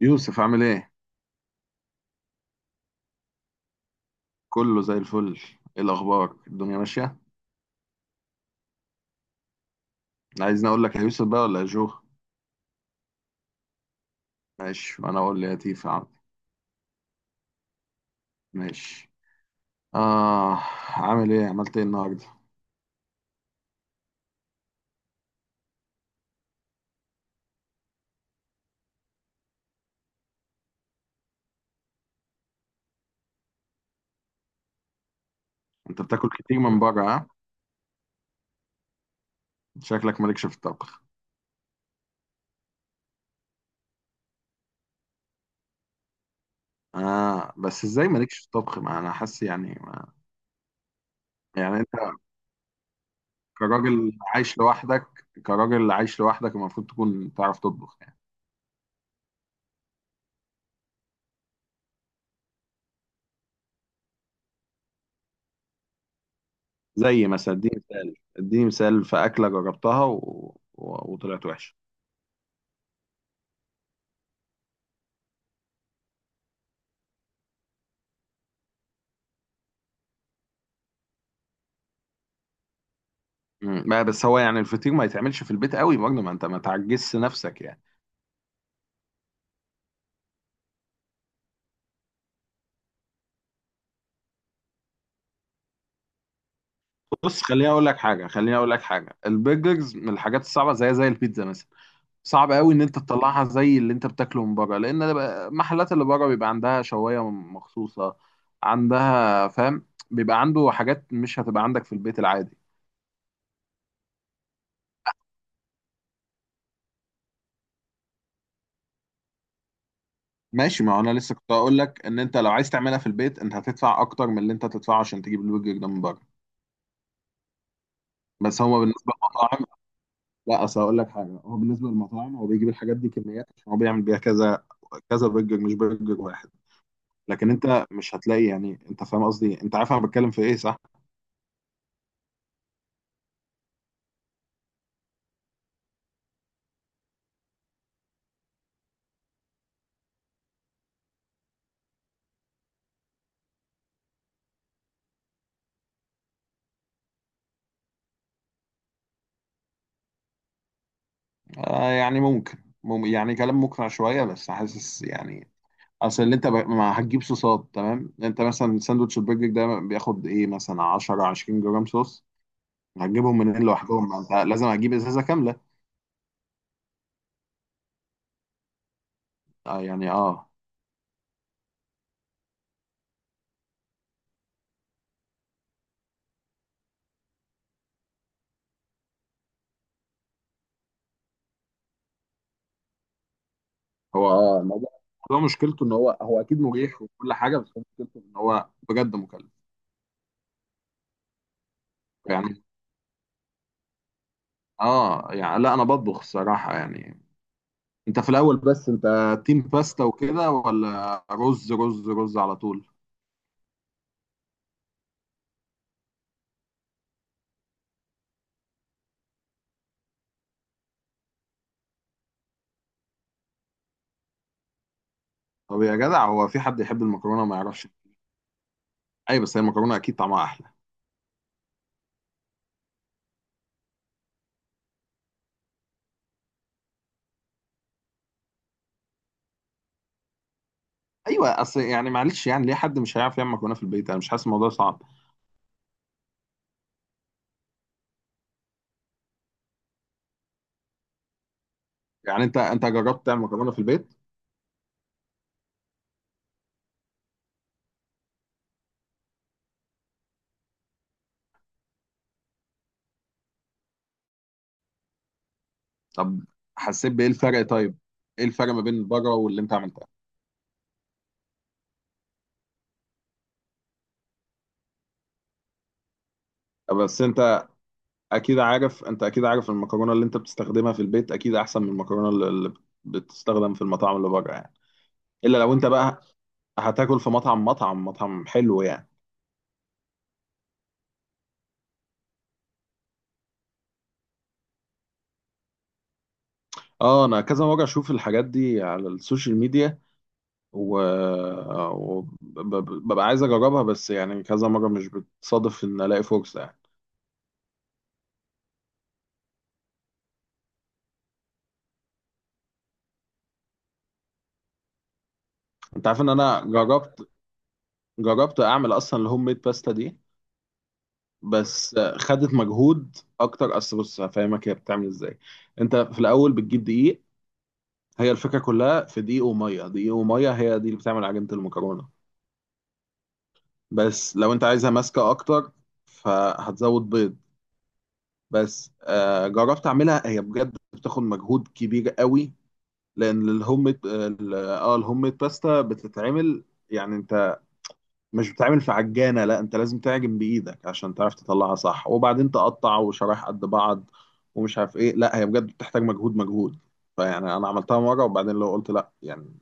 يوسف عامل ايه؟ كله زي الفل. ايه الأخبار؟ الدنيا ماشية؟ عايزني أقول لك يا يوسف بقى ولا يا جو؟ ماشي وأنا أقول ليتيف يا تيفا. عم. ماشي. آه. عامل ايه؟ عملت ايه النهاردة؟ أنت بتاكل كتير من بره ها؟ شكلك مالكش في الطبخ. بس ازاي مالكش في الطبخ؟ ما أنا حاسس. يعني ما... يعني أنت كراجل عايش لوحدك كراجل عايش لوحدك المفروض تكون تعرف تطبخ يعني. زي مثلا اديني مثال في أكلة جربتها وطلعت وحشة. مم. لا بس هو يعني الفطير ما يتعملش في البيت قوي برضه، ما انت ما تعجزش نفسك يعني. بص خليني اقول لك حاجه، البرجرز من الحاجات الصعبه زي البيتزا مثلا. صعب قوي ان انت تطلعها زي اللي انت بتاكله من بره، لان المحلات اللي بره بيبقى عندها شوايه مخصوصه عندها، فاهم. بيبقى عنده حاجات مش هتبقى عندك في البيت العادي. ماشي، ما هو انا لسه كنت اقول لك ان انت لو عايز تعملها في البيت انت هتدفع اكتر من اللي انت تدفعه عشان تجيب البرجر ده من بره. بس هو بالنسبه للمطاعم، لا اصل هقول لك حاجه، هو بالنسبه للمطاعم هو بيجيب الحاجات دي كميات عشان هو بيعمل بيها كذا كذا برجر مش برجر واحد. لكن انت مش هتلاقي، يعني انت فاهم قصدي، انت عارف انا بتكلم في ايه، صح؟ آه يعني ممكن. مم يعني كلام مقنع شويه، بس حاسس يعني. اصل ما هتجيب صوصات تمام، انت مثلا ساندوتش البرجر ده بياخد ايه مثلا 10 20 جرام صوص. هتجيبهم منين لوحدهم؟ ما انت لازم هتجيب ازازه كامله. آه يعني هو الموضوع. الموضوع مشكلته ان هو اكيد مريح وكل حاجه، بس هو مشكلته ان هو بجد مكلف. يعني اه يعني لا، انا بطبخ الصراحه يعني. انت في الاول بس انت تيم باستا وكده ولا رز رز رز على طول. طب يا جدع هو في حد يحب المكرونه ما يعرفش. ايوه بس هي المكرونه اكيد طعمها احلى. ايوه، اصل يعني معلش، يعني ليه حد مش هيعرف يعمل مكرونه في البيت؟ انا مش حاسس الموضوع صعب. يعني انت جربت تعمل مكرونه في البيت؟ طب حسيت بايه الفرق؟ طيب، ايه الفرق ما بين بره واللي انت عملتها؟ بس انت اكيد عارف المكرونه اللي انت بتستخدمها في البيت اكيد احسن من المكرونه اللي بتستخدم في المطاعم اللي بره يعني. الا لو انت بقى هتاكل في مطعم حلو يعني. اه، انا كذا مره اشوف الحاجات دي على السوشيال ميديا، و وببقى عايز اجربها، بس يعني كذا مره مش بتصادف ان الاقي فرصه يعني. انت عارف ان انا جربت اعمل اصلا الهوم ميد باستا دي. بس خدت مجهود اكتر، اصل بص هفهمك هي بتعمل ازاي. انت في الاول بتجيب دقيق. هي الفكرة كلها في دقيق ومية، دقيق ومية هي دي اللي بتعمل عجينة المكرونة. بس لو انت عايزها ماسكة اكتر فهتزود بيض. بس جربت اعملها، هي بجد بتاخد مجهود كبير قوي، لان الهوم ال- اه الهوم ميد باستا بتتعمل، يعني انت مش بتتعمل في عجانة، لا انت لازم تعجن بايدك عشان تعرف تطلعها صح وبعدين تقطع وشرايح قد بعض ومش عارف ايه. لا هي بجد بتحتاج مجهود مجهود، فيعني انا عملتها مرة وبعدين لو قلت لا يعني.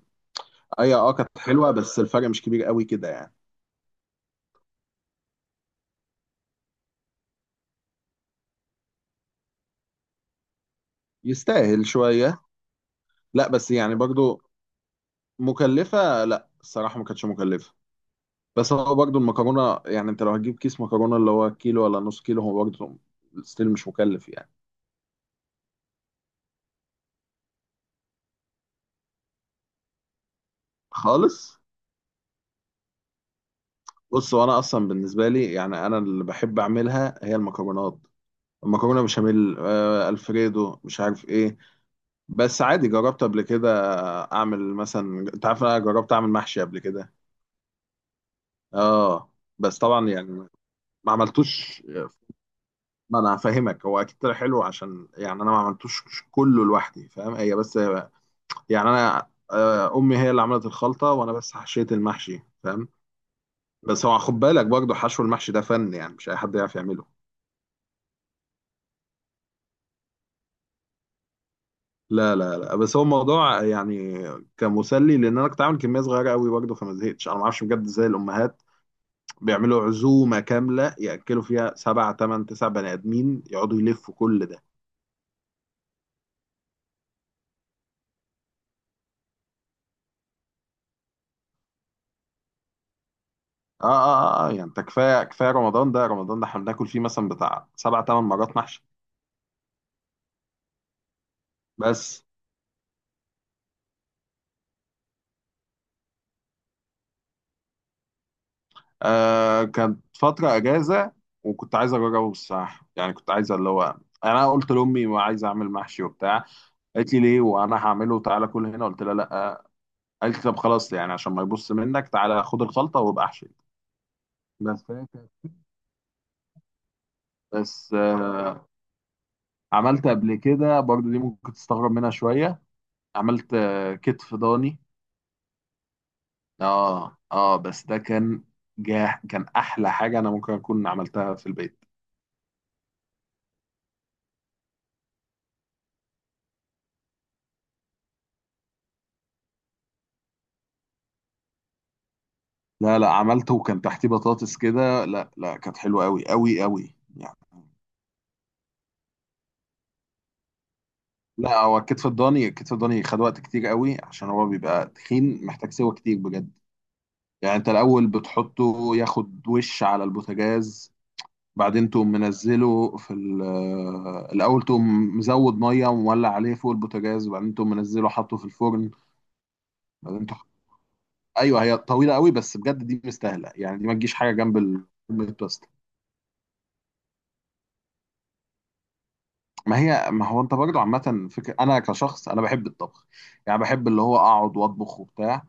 اي كانت حلوه بس الفرق مش كبير قوي كده يعني. يستاهل شويه. لا بس يعني برضو مكلفه، لا الصراحه ما كانتش مكلفه. بس هو برضو المكرونه، يعني انت لو هتجيب كيس مكرونه اللي هو كيلو ولا نص كيلو هو برضو ستيل مش مكلف يعني. خالص. بص وانا اصلا بالنسبه لي، يعني انا اللي بحب اعملها هي المكرونات. المكرونه بشاميل، الفريدو، مش عارف ايه. بس عادي جربت قبل كده اعمل مثلا، انت عارف انا جربت اعمل محشي قبل كده. اه بس طبعا يعني ما عملتوش. ما انا هفهمك، هو اكيد طلع حلو عشان يعني انا ما عملتوش كله لوحدي، فاهم، هي بس يعني انا امي هي اللي عملت الخلطه وانا بس حشيت المحشي فاهم. بس هو خد بالك برضه حشو المحشي ده فن، يعني مش اي حد يعرف يعمله. لا لا لا، بس هو الموضوع يعني كان مسلي لان انا كنت عامل كميه صغيره قوي برضه، فما زهقتش. انا ما اعرفش بجد ازاي الامهات بيعملوا عزومه كامله ياكلوا فيها سبع ثمان تسع بني ادمين يقعدوا يلفوا كل ده. اه اه اه، يعني انت كفايه كفايه رمضان ده رمضان ده احنا بناكل فيه مثلا بتاع سبع ثمان مرات محشي. بس كانت فتره اجازه وكنت عايز اجربه الصراحه، يعني كنت عايز اللي هو انا قلت لامي وعايز اعمل محشي وبتاع. قالت لي ليه وانا هعمله، تعالى كل هنا، قلت لها لا. قالت لي طب خلاص يعني عشان ما يبص منك تعالى خد الخلطه وابقى احشي. بس هي كانت- بس عملت قبل كده برضو، دي ممكن تستغرب منها شويه، عملت كتف ضاني. اه اه بس ده كان جاه، كان احلى حاجه انا ممكن اكون عملتها في البيت. لا لا عملته وكان تحتيه بطاطس كده، لا لا كانت حلوه قوي قوي قوي يعني. لا هو الكتف الضاني، خد وقت كتير قوي عشان هو بيبقى تخين، محتاج سوا كتير بجد. يعني انت الاول بتحطه ياخد وش على البوتاجاز، بعدين تقوم منزله في ال- آه، الاول تقوم مزود ميه ومولع عليه فوق البوتاجاز وبعدين تقوم منزله حاطه في الفرن. بعدين، ايوه هي طويله قوي بس بجد دي مستاهله، يعني دي ما تجيش حاجه جنب البيت بلاست. ما هو انت برضه عامه فكره انا كشخص انا بحب الطبخ، يعني بحب اللي هو اقعد واطبخ وبتاع.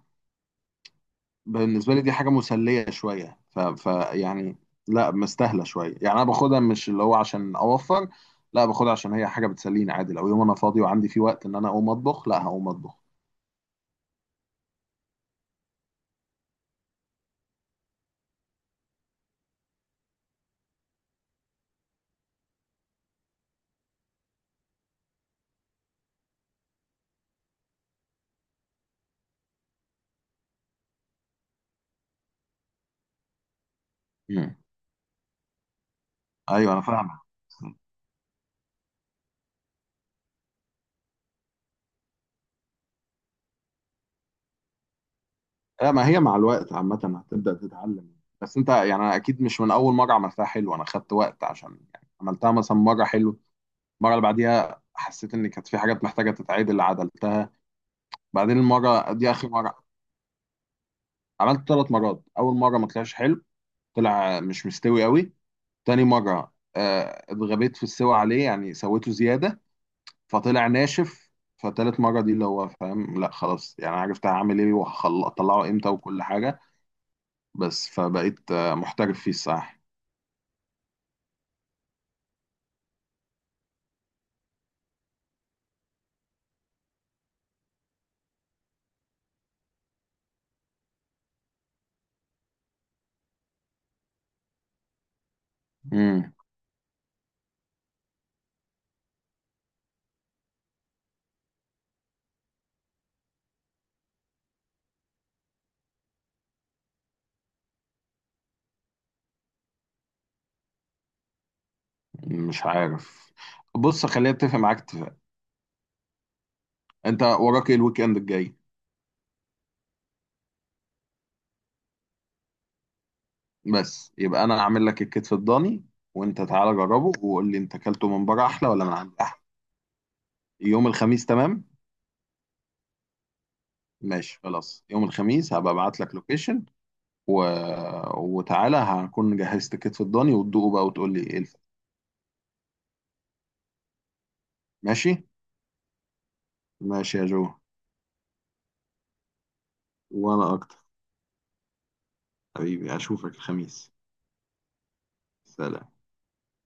بالنسبه لي دي حاجه مسليه شويه ف, ف يعني، لا مستاهله شويه، يعني انا باخدها مش اللي هو عشان اوفر، لا باخدها عشان هي حاجه بتسليني عادي، لو يوم انا فاضي وعندي فيه وقت ان انا اقوم اطبخ لا هقوم اطبخ. مم. ايوه انا فاهمك. ما هي مع الوقت عامة هتبدأ تتعلم. بس انت يعني انا اكيد مش من اول مرة عملتها حلو، انا خدت وقت عشان يعني عملتها مثلا مرة حلو، المرة اللي بعديها حسيت ان كانت في حاجات محتاجة تتعدل عدلتها، بعدين المرة دي اخر مرة. عملت 3 مرات، اول مرة ما طلعش حلو، طلع مش مستوي قوي. تاني مرة اتغبيت في السوى عليه يعني سويته زيادة فطلع ناشف. فتالت مرة دي اللي هو فاهم، لا خلاص يعني عرفت هعمل ايه وهطلعه امتى وكل حاجة، بس فبقيت محترف فيه الصراحة. امم. مش عارف. بص خليني اتفق معاك اتفاق. انت وراك ايه الويك اند الجاي؟ بس يبقى انا اعمل لك الكتف الضاني، وانت تعالى جربه وقول لي انت اكلته من بره احلى ولا من عندي احلى. يوم الخميس تمام؟ ماشي خلاص، يوم الخميس هبقى ابعت لك لوكيشن و... وتعالى هكون جهزت الكتف الضاني وتدوقه بقى وتقول لي ايه الفرق. ماشي. ماشي يا جو. وانا اكتر. حبيبي، اشوفك الخميس. سلام.